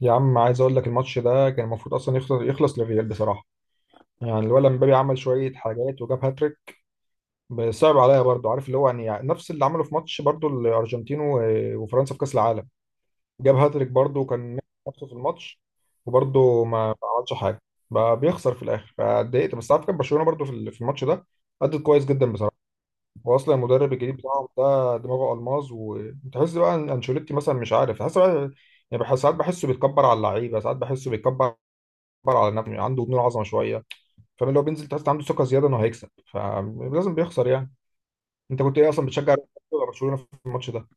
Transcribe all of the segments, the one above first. يا عم، عايز اقول لك الماتش ده كان المفروض اصلا يخلص للريال بصراحه. يعني الولد مبابي عمل شويه حاجات وجاب هاتريك. بس صعب عليا برضو، عارف اللي هو يعني نفس اللي عمله في ماتش برضو الارجنتين وفرنسا في كاس العالم. جاب هاتريك برضو وكان نفسه في الماتش، وبرضو ما عملش حاجه. بقى بيخسر في الاخر فاتضايقت. بس عارف كان برشلونه برضو في الماتش ده أدت كويس جدا بصراحه. واصلا المدرب الجديد بتاعهم ده دماغه الماظ، وتحس بقى ان انشيلوتي مثلا مش عارف، تحس بقى يعني، بحس ساعات بحسه بيتكبر على اللعيبه، ساعات بحسه بيتكبر، بيكبر على نفسه، عنده جنون عظمه شويه فاهم. لو بينزل تحس عنده ثقه زياده انه هيكسب، فلازم بيخسر يعني. انت كنت ايه اصلا، بتشجع ريال مدريد ولا برشلونه في الماتش ده؟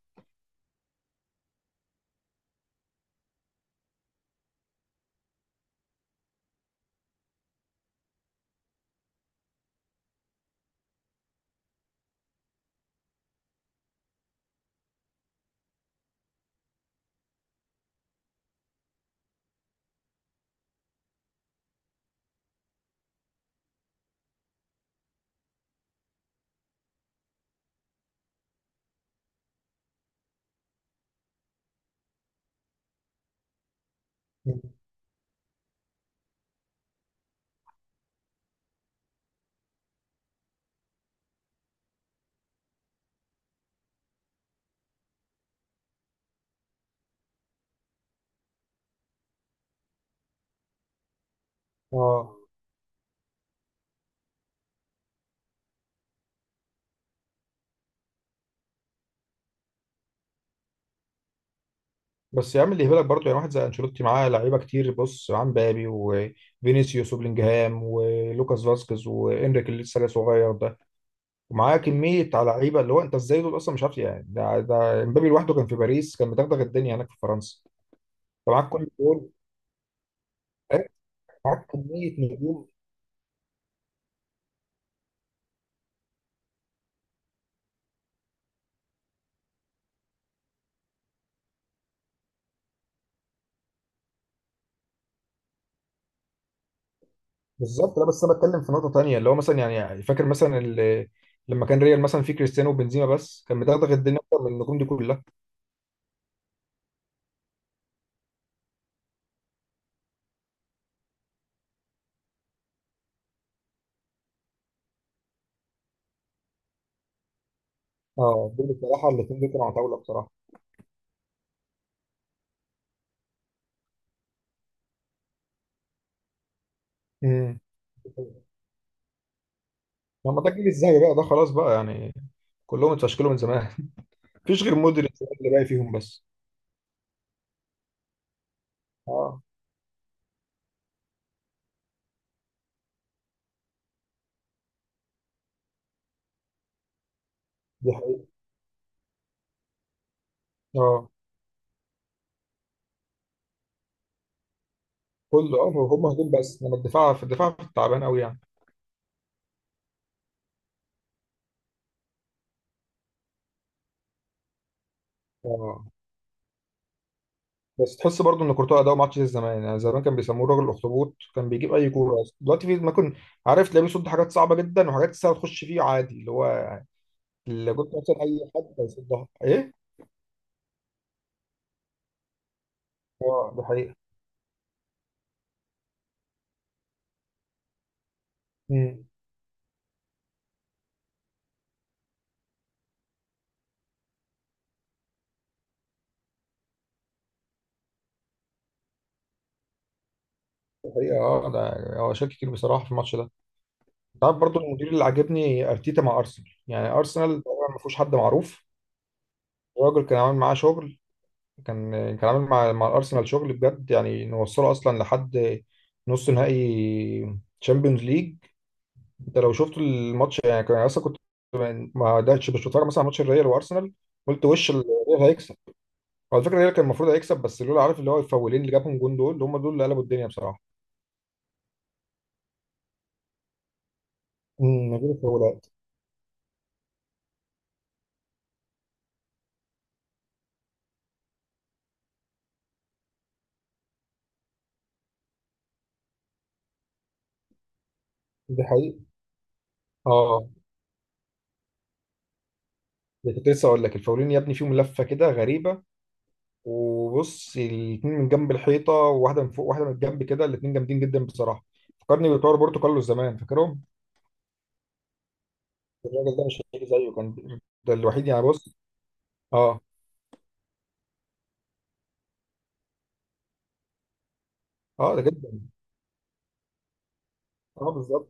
اه. بس يا عم اللي يهبلك برضه، يعني واحد زي انشيلوتي معاه لعيبه كتير، بص عن بابي وفينيسيوس وبلينجهام ولوكاس فاسكيز وانريك اللي لسه جاي صغير ده، ومعاه كميه على لعيبه اللي هو، انت ازاي دول اصلا مش عارف يعني؟ ده امبابي لوحده كان في باريس كان مدغدغ الدنيا هناك في فرنسا، فمعاك كل دول. إيه؟ معاك كميه نجوم. بالظبط. لا، بس انا بتكلم في نقطه تانية، اللي هو مثلا يعني فاكر مثلا لما كان ريال مثلا فيه كريستيانو وبنزيما بس، كان مدغدغ الدنيا اكتر من النجوم دي كلها. اه، دول بصراحه الاثنين دول كانوا على طاوله بصراحه. امم لما ده الجيل الذهبي بقى ده، خلاص بقى يعني. كلهم اتفشكلوا من زمان، مفيش غير مودريتش اللي باقي فيهم بس. اه، دي حقيقة. اه، كله، اه، هم هجوم بس، انما الدفاع، في التعبان قوي يعني. اه. بس تحس برضو ان كورتوا اداؤه ما عادش زي زمان يعني. زمان كان بيسموه راجل الاخطبوط، كان بيجيب اي كوره. دلوقتي في ما كنت عارف، تلاقيه بيصد حاجات صعبه جدا، وحاجات سهله تخش فيه عادي، اللي هو اللي كنت مثلا اي حد هيصدها، ايه. اه، ده حقيقه. امم ده حقيقه. اه، ده يعني هو شال كتير بصراحه في الماتش ده. انت عارف برضو المدير اللي عاجبني ارتيتا مع ارسنال، يعني ارسنال طبعا ما فيهوش حد معروف. الراجل كان عامل معاه شغل، كان كان عامل مع الارسنال شغل بجد يعني، نوصله اصلا لحد نص نهائي تشامبيونز ليج. انت لو شفت الماتش يعني، كان اصلا كنت ما قعدتش مش بتفرج مثلا على ماتش الريال وارسنال. قلت وش الريال هيكسب. على فكره الريال كان المفروض هيكسب، بس لولا عارف اللي هو الفاولين اللي جابهم جون، دول هم دول اللي قلبوا الدنيا بصراحه. من غير الفاولات. دي حقيقة. اه، ده كنت لسه اقول لك، الفاولين يا ابني فيهم لفه كده غريبه. وبص الاثنين من جنب الحيطه، وواحده من فوق واحده من الجنب كده، الاثنين جامدين جدا بصراحه. فكرني بتوع روبرتو كارلوس زمان، فاكرهم؟ الراجل ده مش هيجي زيه كان. ده الوحيد يعني بص. اه. اه، ده جدا. اه، بالظبط.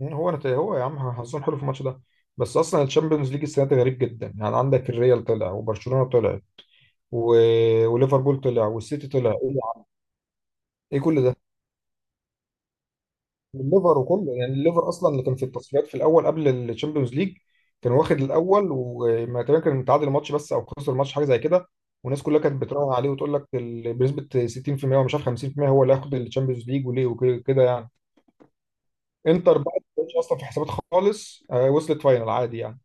هو يا عم حظهم حلو في الماتش ده. بس اصلا الشامبيونز ليج السنه دي غريب جدا يعني. عندك الريال طلع، وبرشلونه طلع، و... وليفربول طلع، والسيتي طلع، ايه يا عم؟ إيه كل ده؟ الليفر وكله، يعني الليفر اصلا اللي كان في التصفيات في الاول قبل الشامبيونز ليج، كان واخد الاول وما تقريبا كان متعادل ماتش بس او خسر ماتش حاجه زي كده. والناس كلها كانت بتراهن عليه وتقول لك بنسبه 60% ومش عارف 50%، هو اللي هياخد الشامبيونز ليج وليه وكده يعني. انتر بقى ما كانتش اصلا في حسابات خالص، وصلت فاينل عادي يعني.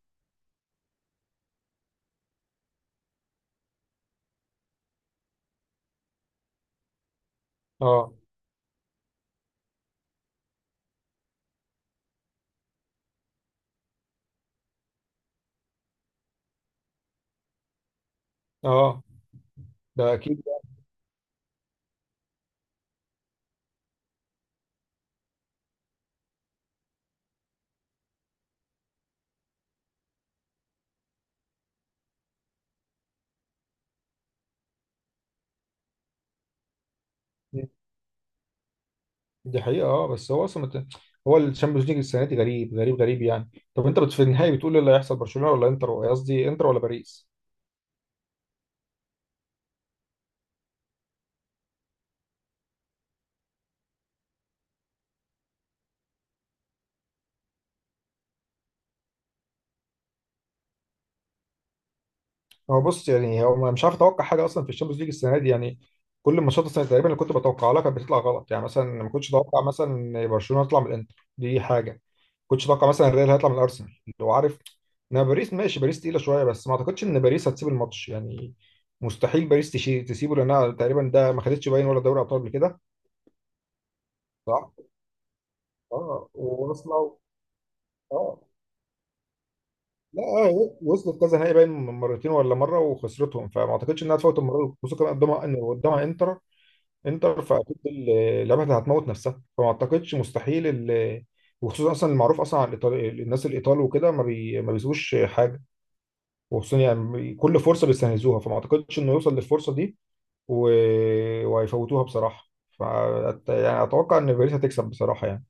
اه. اه، ده اكيد يعني، دي حقيقه. اه، بس هو اصلا هو الشامبيونز ليج السنه دي غريب غريب غريب يعني. طب انت في النهائي بتقول ايه اللي هيحصل؟ برشلونه ولا انتر، قصدي انتر ولا باريس؟ هو بص يعني، هو أنا مش عارف اتوقع حاجه اصلا في الشامبيونز ليج السنه دي يعني. كل الماتشات السنه تقريبا اللي كنت بتوقع لها كانت بتطلع غلط يعني. مثلا ما كنتش اتوقع مثلا إن برشلونه يطلع من الانتر دي، حاجه ما كنتش اتوقع مثلا الريال هيطلع من الارسنال لو عارف. انا باريس ماشي، باريس تقيله شويه بس ما اعتقدش ان باريس هتسيب الماتش يعني. مستحيل باريس تسيبه، لانها تقريبا ده ما خدتش باين ولا دوري ابطال قبل كده. اه وواصله. اه، لا، اه وصلت كذا نهائي باين، مرتين ولا مره وخسرتهم، فما اعتقدش انها تفوت المره دي، خصوصا كمان قدامها ان قدامها انتر. انتر فاكيد لعبها هتموت نفسها، فما اعتقدش، مستحيل وخصوصا اصلا المعروف اصلا عن الناس الايطال وكده ما بيسيبوش حاجه. وخصوصا يعني كل فرصه بيستنزوها، فما اعتقدش انه يوصل للفرصه دي، و... وهيفوتوها بصراحه. ف يعني اتوقع ان باريس هتكسب بصراحه يعني.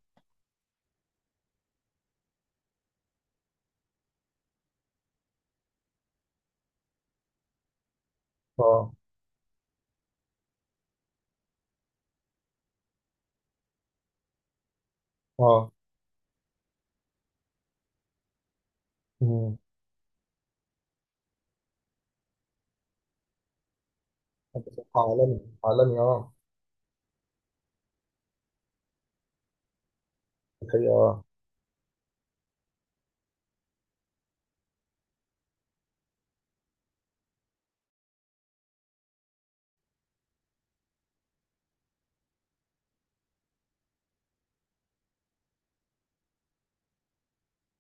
اه. اه. مم. عالمي عالمي اه. هي.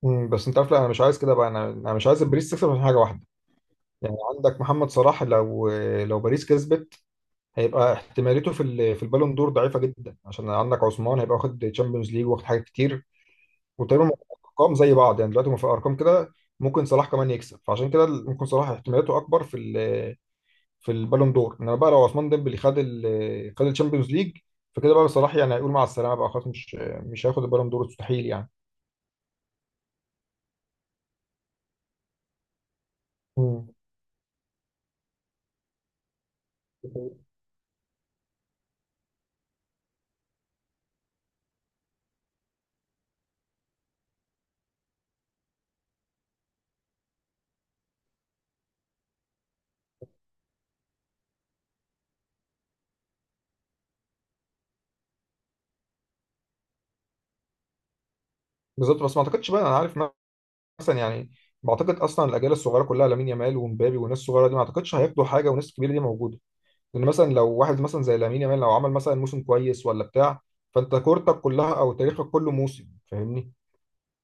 بس انت عارف. لا، انا مش عايز كده بقى. انا مش عايز باريس تكسب عشان حاجه واحده يعني. عندك محمد صلاح، لو لو باريس كسبت هيبقى احتماليته في البالون دور ضعيفه جدا، عشان عندك عثمان هيبقى واخد تشامبيونز ليج واخد حاجات كتير، وتقريبا ارقام زي بعض يعني. دلوقتي في ارقام كده ممكن صلاح كمان يكسب، فعشان كده ممكن صلاح احتماليته اكبر في البالون دور. انما بقى لو عثمان ديمبلي خد الشامبيونز ليج، فكده بقى صلاح يعني هيقول مع السلامه بقى خلاص. مش هياخد البالون دور مستحيل يعني. مم. بالظبط. بس ما اعتقدش بقى، انا عارف مثلا يعني، بعتقد اصلا الاجيال الصغيره كلها لامين يامال ومبابي والناس الصغيره دي، ما اعتقدش هياخدوا حاجه والناس الكبيره دي موجوده. لان مثلا لو واحد مثلا زي لامين يامال لو عمل مثلا موسم كويس ولا بتاع، فانت كورتك كلها او تاريخك كله موسم فاهمني.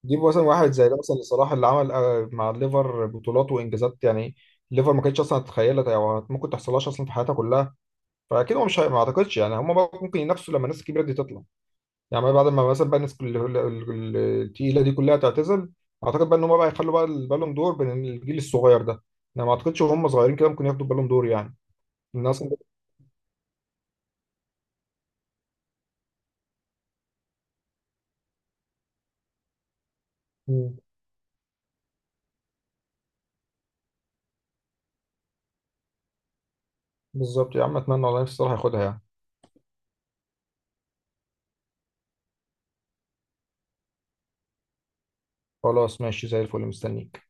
جيب مثلا واحد زي ده مثلا صلاح اللي عمل مع الليفر بطولات وانجازات يعني. الليفر ما كانتش اصلا تتخيلها او ممكن تحصلهاش اصلا في حياتها كلها. فاكيد هو مش هي- ما اعتقدش يعني. هم ممكن ينافسوا لما الناس الكبيره دي تطلع، يعني بعد ما مثلا بقى الناس التقيله دي كلها تعتزل، اعتقد بقى ان هم بقى يخلوا بقى البالون دور بين الجيل الصغير ده. انا ما اعتقدش وهم صغيرين كده ممكن ياخدوا البالون دور يعني. الناس. مم. بالظبط يا عم، اتمنى والله نفسي صلاح ياخدها يعني. خلاص ماشي زي الفل، مستنيك.